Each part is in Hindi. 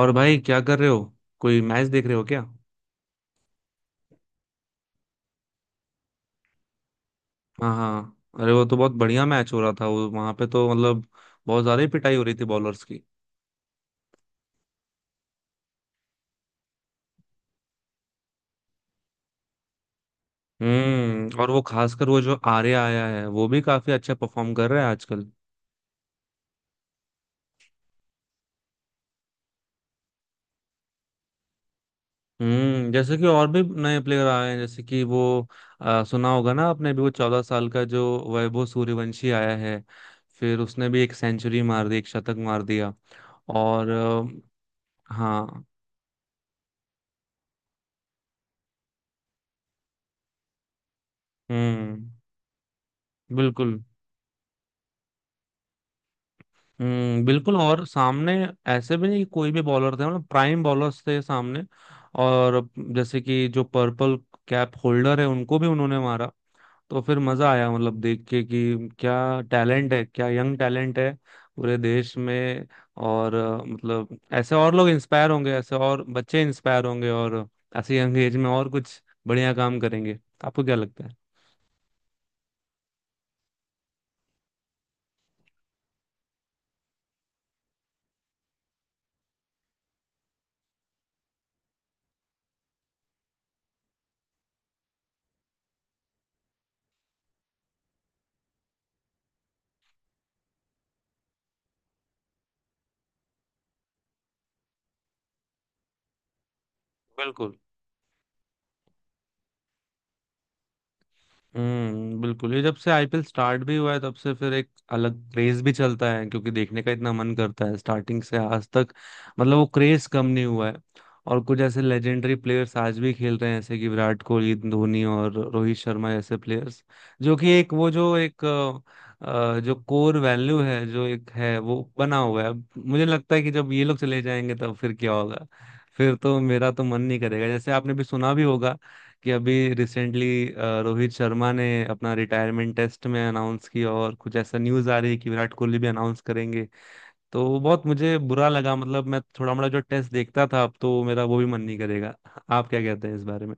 और भाई क्या कर रहे हो। कोई मैच देख रहे हो क्या? हाँ हाँ, अरे वो तो बहुत बढ़िया मैच हो रहा था वो वहां पे, तो मतलब बहुत ज्यादा ही पिटाई हो रही थी बॉलर्स की। और वो खासकर वो जो आर्या आया है, वो भी काफी अच्छा परफॉर्म कर रहा है आजकल। जैसे कि और भी नए प्लेयर आए हैं, जैसे कि वो सुना होगा ना आपने भी, वो 14 साल का जो वैभव सूर्यवंशी आया है। फिर उसने भी एक सेंचुरी मार दी, एक शतक मार दिया। और हाँ। हम्म, बिल्कुल। हम्म, बिल्कुल, और सामने ऐसे भी नहीं कि कोई भी बॉलर थे, मतलब प्राइम बॉलर्स थे सामने। और जैसे कि जो पर्पल कैप होल्डर है उनको भी उन्होंने मारा, तो फिर मजा आया, मतलब देख के कि क्या टैलेंट है, क्या यंग टैलेंट है पूरे देश में। और मतलब ऐसे और लोग इंस्पायर होंगे, ऐसे और बच्चे इंस्पायर होंगे, और ऐसे यंग एज में और कुछ बढ़िया काम करेंगे। आपको क्या लगता है? बिल्कुल। हम्म, बिल्कुल, ये जब से आईपीएल स्टार्ट भी हुआ है तब से फिर एक अलग क्रेज भी चलता है, क्योंकि देखने का इतना मन करता है स्टार्टिंग से आज तक, मतलब वो क्रेज कम नहीं हुआ है। और कुछ ऐसे लेजेंडरी प्लेयर्स आज भी खेल रहे हैं, जैसे कि विराट कोहली, धोनी और रोहित शर्मा जैसे प्लेयर्स, जो कि एक वो जो एक जो कोर वैल्यू है, जो एक है वो बना हुआ है। अब मुझे लगता है कि जब ये लोग चले जाएंगे तब फिर क्या होगा? फिर तो मेरा तो मन नहीं करेगा। जैसे आपने भी सुना भी होगा कि अभी रिसेंटली रोहित शर्मा ने अपना रिटायरमेंट टेस्ट में अनाउंस किया, और कुछ ऐसा न्यूज आ रही है कि विराट कोहली भी अनाउंस करेंगे। तो वो बहुत मुझे बुरा लगा, मतलब मैं थोड़ा मोड़ा जो टेस्ट देखता था, अब तो मेरा वो भी मन नहीं करेगा। आप क्या कहते हैं इस बारे में?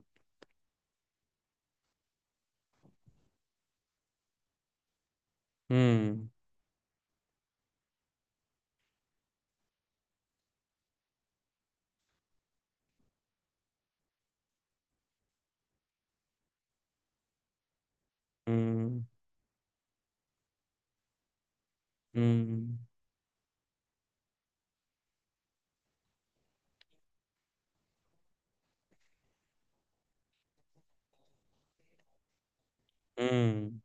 हम्म, हम्म, हम्म। हम्म,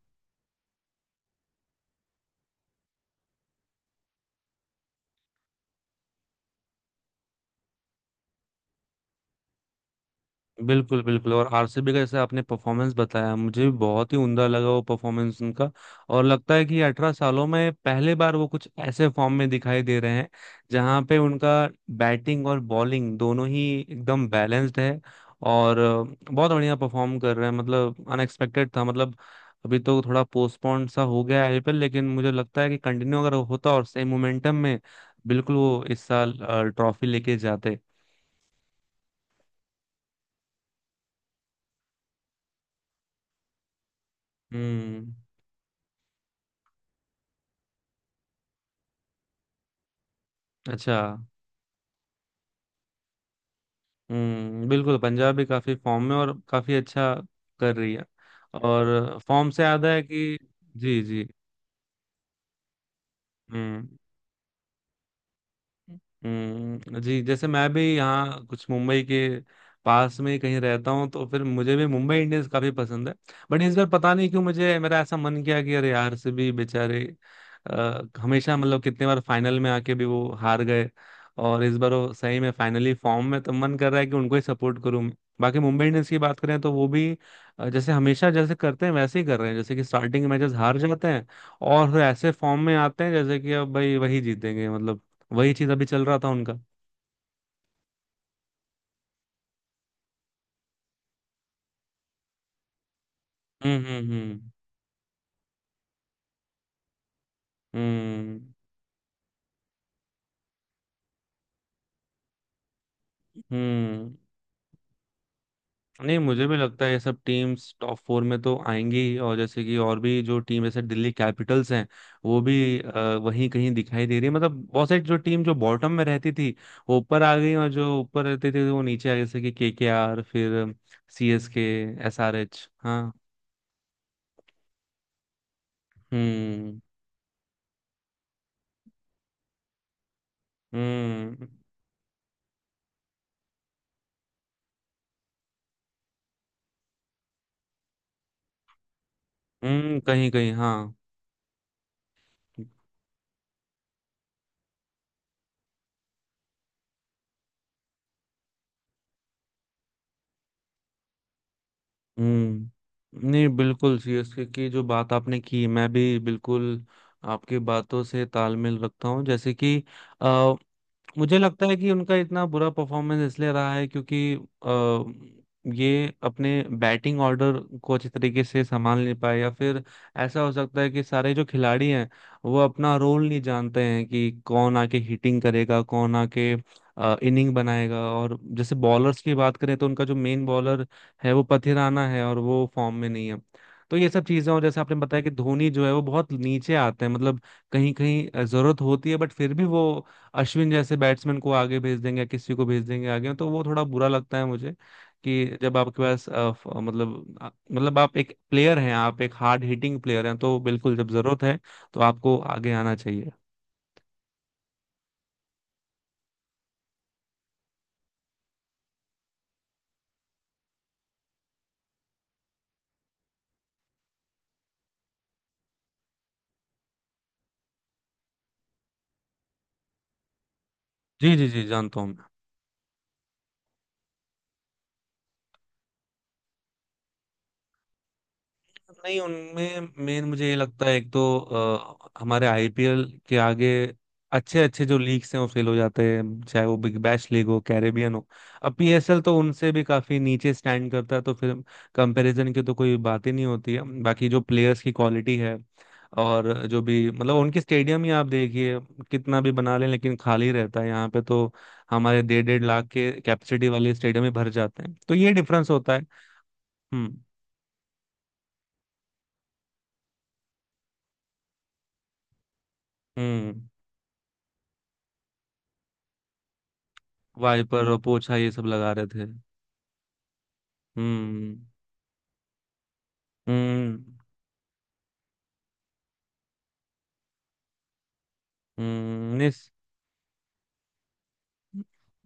बिल्कुल, बिल्कुल, और आरसीबी का जैसे आपने परफॉर्मेंस बताया, मुझे भी बहुत ही उमदा लगा वो परफॉर्मेंस उनका। और लगता है कि 18 सालों में पहली बार वो कुछ ऐसे फॉर्म में दिखाई दे रहे हैं जहां पे उनका बैटिंग और बॉलिंग दोनों ही एकदम बैलेंस्ड है। और बहुत बढ़िया परफॉर्म कर रहे हैं, मतलब अनएक्सपेक्टेड था। मतलब अभी तो थोड़ा पोस्टपोन सा हो गया आईपीएल, लेकिन मुझे लगता है कि कंटिन्यू अगर होता और सेम मोमेंटम में, बिल्कुल वो इस साल ट्रॉफी लेके जाते। हम्म। अच्छा। हम्म, बिल्कुल, पंजाब भी काफी फॉर्म में और काफी अच्छा कर रही है, और फॉर्म से याद है कि, जी जी। हम्म। हम्म, जी, जैसे मैं भी यहाँ कुछ मुंबई के पास में कहीं रहता हूँ, तो फिर मुझे भी मुंबई इंडियंस काफी पसंद है। बट इस बार पता नहीं क्यों मुझे, मेरा ऐसा मन किया कि अरे यार से भी बेचारे हमेशा, मतलब कितने बार फाइनल में आके भी वो हार गए, और इस बार वो सही में फाइनली फॉर्म में, तो मन कर रहा है कि उनको ही सपोर्ट करूं मैं। बाकी मुंबई इंडियंस की बात करें, तो वो भी जैसे हमेशा जैसे करते हैं वैसे ही कर रहे हैं, जैसे कि स्टार्टिंग मैचेस हार जाते हैं और फिर ऐसे फॉर्म में आते हैं, जैसे कि अब भाई वही जीतेंगे, मतलब वही चीज अभी चल रहा था उनका। हम्म, हम्म, हम्म, हम्म, हम्म। नहीं, मुझे भी लगता है ये सब टीम्स टॉप फोर में तो आएंगी ही, और जैसे कि और भी जो टीम, जैसे दिल्ली कैपिटल्स हैं, वो भी वहीं कहीं दिखाई दे रही है। मतलब बहुत सारी जो टीम जो बॉटम में रहती थी वो ऊपर आ गई, और जो ऊपर रहती थी वो नीचे आ गई, जैसे कि केकेआर, फिर सीएसके, एसआरएच। हाँ। हम्म, हम्म, हम्म, कहीं कहीं, हाँ। हम्म, नहीं, बिल्कुल, सीएसके की जो बात आपने की, मैं भी बिल्कुल आपकी बातों से तालमेल रखता हूँ। जैसे कि मुझे लगता है कि उनका इतना बुरा परफॉर्मेंस इसलिए रहा है, क्योंकि ये अपने बैटिंग ऑर्डर को अच्छी तरीके से संभाल नहीं पाए, या फिर ऐसा हो सकता है कि सारे जो खिलाड़ी हैं वो अपना रोल नहीं जानते हैं कि कौन आके हिटिंग करेगा, कौन आके इनिंग बनाएगा। और जैसे बॉलर्स की बात करें तो उनका जो मेन बॉलर है वो पथिराना है, और वो फॉर्म में नहीं है। तो ये सब चीजें, और जैसे आपने बताया कि धोनी जो है वो बहुत नीचे आते हैं, मतलब कहीं कहीं जरूरत होती है, बट फिर भी वो अश्विन जैसे बैट्समैन को आगे भेज देंगे या किसी को भेज देंगे आगे, तो वो थोड़ा बुरा लगता है मुझे। कि जब आपके पास मतलब मतलब आप एक प्लेयर हैं, आप एक हार्ड हिटिंग प्लेयर हैं, तो बिल्कुल जब जरूरत है तो आपको आगे आना चाहिए। जी, जी, जी, जानता हूँ मैं। नहीं, उनमें मेन मुझे ये लगता है, एक तो हमारे आईपीएल के आगे अच्छे अच्छे जो लीग्स हैं वो फेल हो जाते हैं, चाहे वो बिग बैश लीग हो, कैरेबियन हो। अब पीएसएल तो उनसे भी काफी नीचे स्टैंड करता है, तो फिर कंपैरिजन की तो कोई बात ही नहीं होती है। बाकी जो प्लेयर्स की क्वालिटी है, और जो भी, मतलब उनके स्टेडियम ही आप देखिए, कितना भी बना लें लेकिन खाली रहता है। यहाँ पे तो हमारे डेढ़ डेढ़ लाख के कैपेसिटी वाले स्टेडियम ही भर जाते हैं, तो ये डिफरेंस होता है। हम्म हम्म वाइपर और पोछा ये सब लगा रहे थे। हम्म, हम्म, हम्म। नहीं,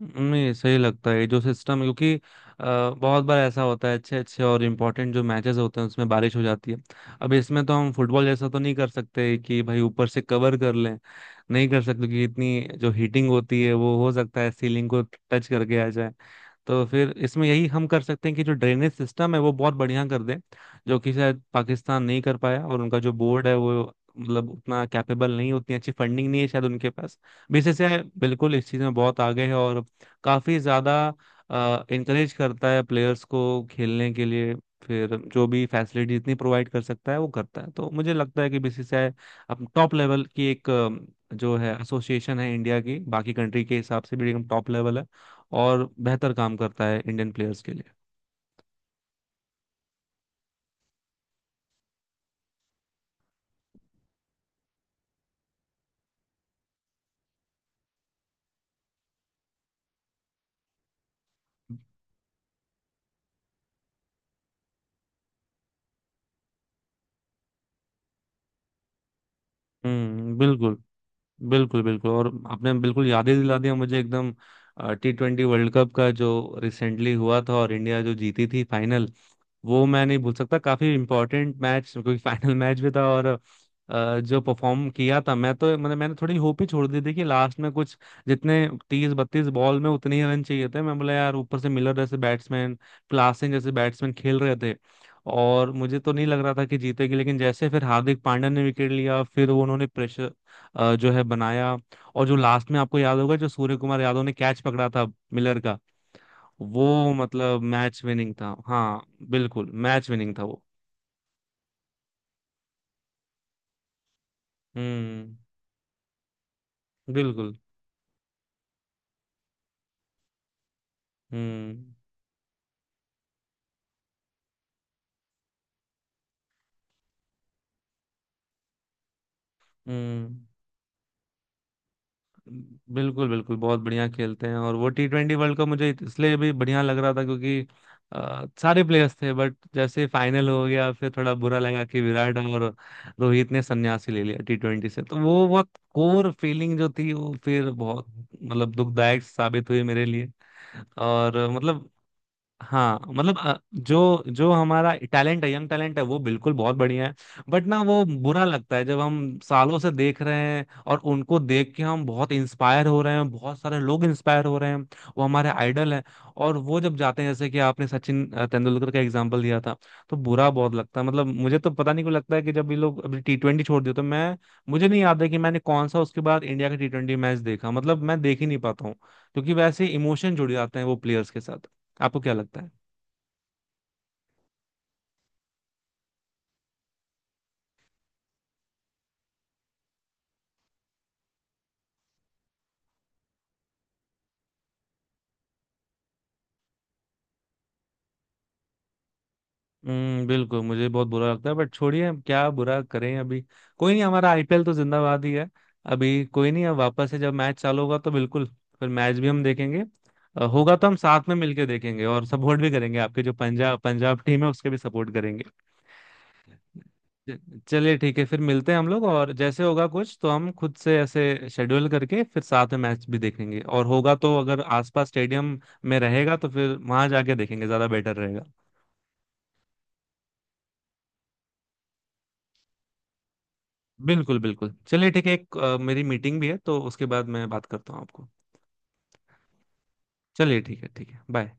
नहीं, सही लगता है ये जो सिस्टम है, क्योंकि बहुत बार ऐसा होता है, अच्छे अच्छे और इम्पोर्टेंट जो मैचेस होते हैं उसमें बारिश हो जाती है। अब इसमें तो हम फुटबॉल जैसा तो नहीं कर सकते कि भाई ऊपर से कवर कर लें, नहीं कर सकते, क्योंकि इतनी जो हीटिंग होती है वो हो सकता है सीलिंग को टच करके आ जाए। तो फिर इसमें यही हम कर सकते हैं कि जो ड्रेनेज सिस्टम है वो बहुत बढ़िया कर दें, जो कि शायद पाकिस्तान नहीं कर पाया। और उनका जो बोर्ड है वो, मतलब उतना कैपेबल नहीं, उतनी अच्छी फंडिंग नहीं है शायद उनके पास। बीसीसीआई बिल्कुल इस चीज में बहुत आगे है, और काफी ज्यादा इंकरेज करता है प्लेयर्स को खेलने के लिए, फिर जो भी फैसिलिटी इतनी प्रोवाइड कर सकता है वो करता है। तो मुझे लगता है कि बीसीसीआई अब टॉप लेवल की एक जो है एसोसिएशन है, इंडिया की बाकी कंट्री के हिसाब से भी एकदम टॉप लेवल है, और बेहतर काम करता है इंडियन प्लेयर्स के लिए। हम्म, बिल्कुल, बिल्कुल, बिल्कुल, और आपने बिल्कुल याद ही दिला दिया मुझे एकदम T20 वर्ल्ड कप का, जो रिसेंटली हुआ था और इंडिया जो जीती थी फाइनल, वो मैं नहीं भूल सकता। काफी इंपॉर्टेंट मैच, क्योंकि फाइनल मैच भी था। और जो परफॉर्म किया था, मैं तो, मतलब मैंने थोड़ी होप ही छोड़ दी थी कि लास्ट में कुछ, जितने 30-32 बॉल में उतने ही रन चाहिए थे। मैं बोला यार ऊपर से मिलर जैसे बैट्समैन, क्लासन जैसे बैट्समैन खेल रहे थे, और मुझे तो नहीं लग रहा था कि जीतेगी, लेकिन जैसे फिर हार्दिक पांड्या ने विकेट लिया, फिर उन्होंने प्रेशर जो है बनाया। और जो लास्ट में आपको याद होगा, जो सूर्य कुमार यादव ने कैच पकड़ा था मिलर का, वो मतलब मैच विनिंग था, हाँ। बिल्कुल, मैच विनिंग था वो। हम्म। बिल्कुल। हम्म, हम्म, बिल्कुल, बिल्कुल, बहुत बढ़िया खेलते हैं, और वो T20 वर्ल्ड कप मुझे इसलिए भी बढ़िया लग रहा था, क्योंकि सारे प्लेयर्स थे। बट जैसे फाइनल हो गया फिर थोड़ा बुरा लगा कि विराट और रोहित ने संन्यासी ले लिया T20 से, तो वो बहुत कोर फीलिंग जो थी वो फिर बहुत, मतलब दुखदायक साबित हुई मेरे लिए, और मतलब, हाँ, मतलब जो जो हमारा टैलेंट है, यंग टैलेंट है, वो बिल्कुल बहुत बढ़िया है। बट ना, वो बुरा लगता है जब हम सालों से देख रहे हैं और उनको देख के हम बहुत इंस्पायर हो रहे हैं, बहुत सारे लोग इंस्पायर हो रहे हैं, वो हमारे आइडल हैं। और वो जब जाते हैं, जैसे कि आपने सचिन तेंदुलकर का एग्जाम्पल दिया था, तो बुरा बहुत लगता है। मतलब मुझे तो पता नहीं क्यों लगता है कि जब ये लोग अभी T20 छोड़ दिए, तो मैं, मुझे नहीं याद है कि मैंने कौन सा उसके बाद इंडिया का T20 मैच देखा, मतलब मैं देख ही नहीं पाता हूँ, क्योंकि वैसे इमोशन जुड़ जाते हैं वो प्लेयर्स के साथ। आपको क्या लगता है? हम्म, बिल्कुल, मुझे बहुत बुरा लगता है, बट छोड़िए, हम क्या बुरा करें अभी। कोई नहीं, हमारा आईपीएल तो जिंदाबाद ही है। अभी कोई नहीं, अब वापस से जब मैच चालू होगा तो बिल्कुल, फिर मैच भी हम देखेंगे। होगा तो हम साथ में मिलके देखेंगे और सपोर्ट भी करेंगे, आपके जो पंजाब पंजाब टीम है उसके भी सपोर्ट करेंगे। चलिए ठीक है, फिर मिलते हैं हम लोग, और जैसे होगा कुछ तो हम खुद से ऐसे शेड्यूल करके फिर साथ में मैच भी देखेंगे, और होगा तो अगर आसपास स्टेडियम में रहेगा तो फिर वहां जाके देखेंगे, ज्यादा बेटर रहेगा। बिल्कुल, बिल्कुल, चलिए ठीक है, एक मेरी मीटिंग भी है तो उसके बाद मैं बात करता हूँ आपको। चलिए ठीक है, ठीक है, बाय।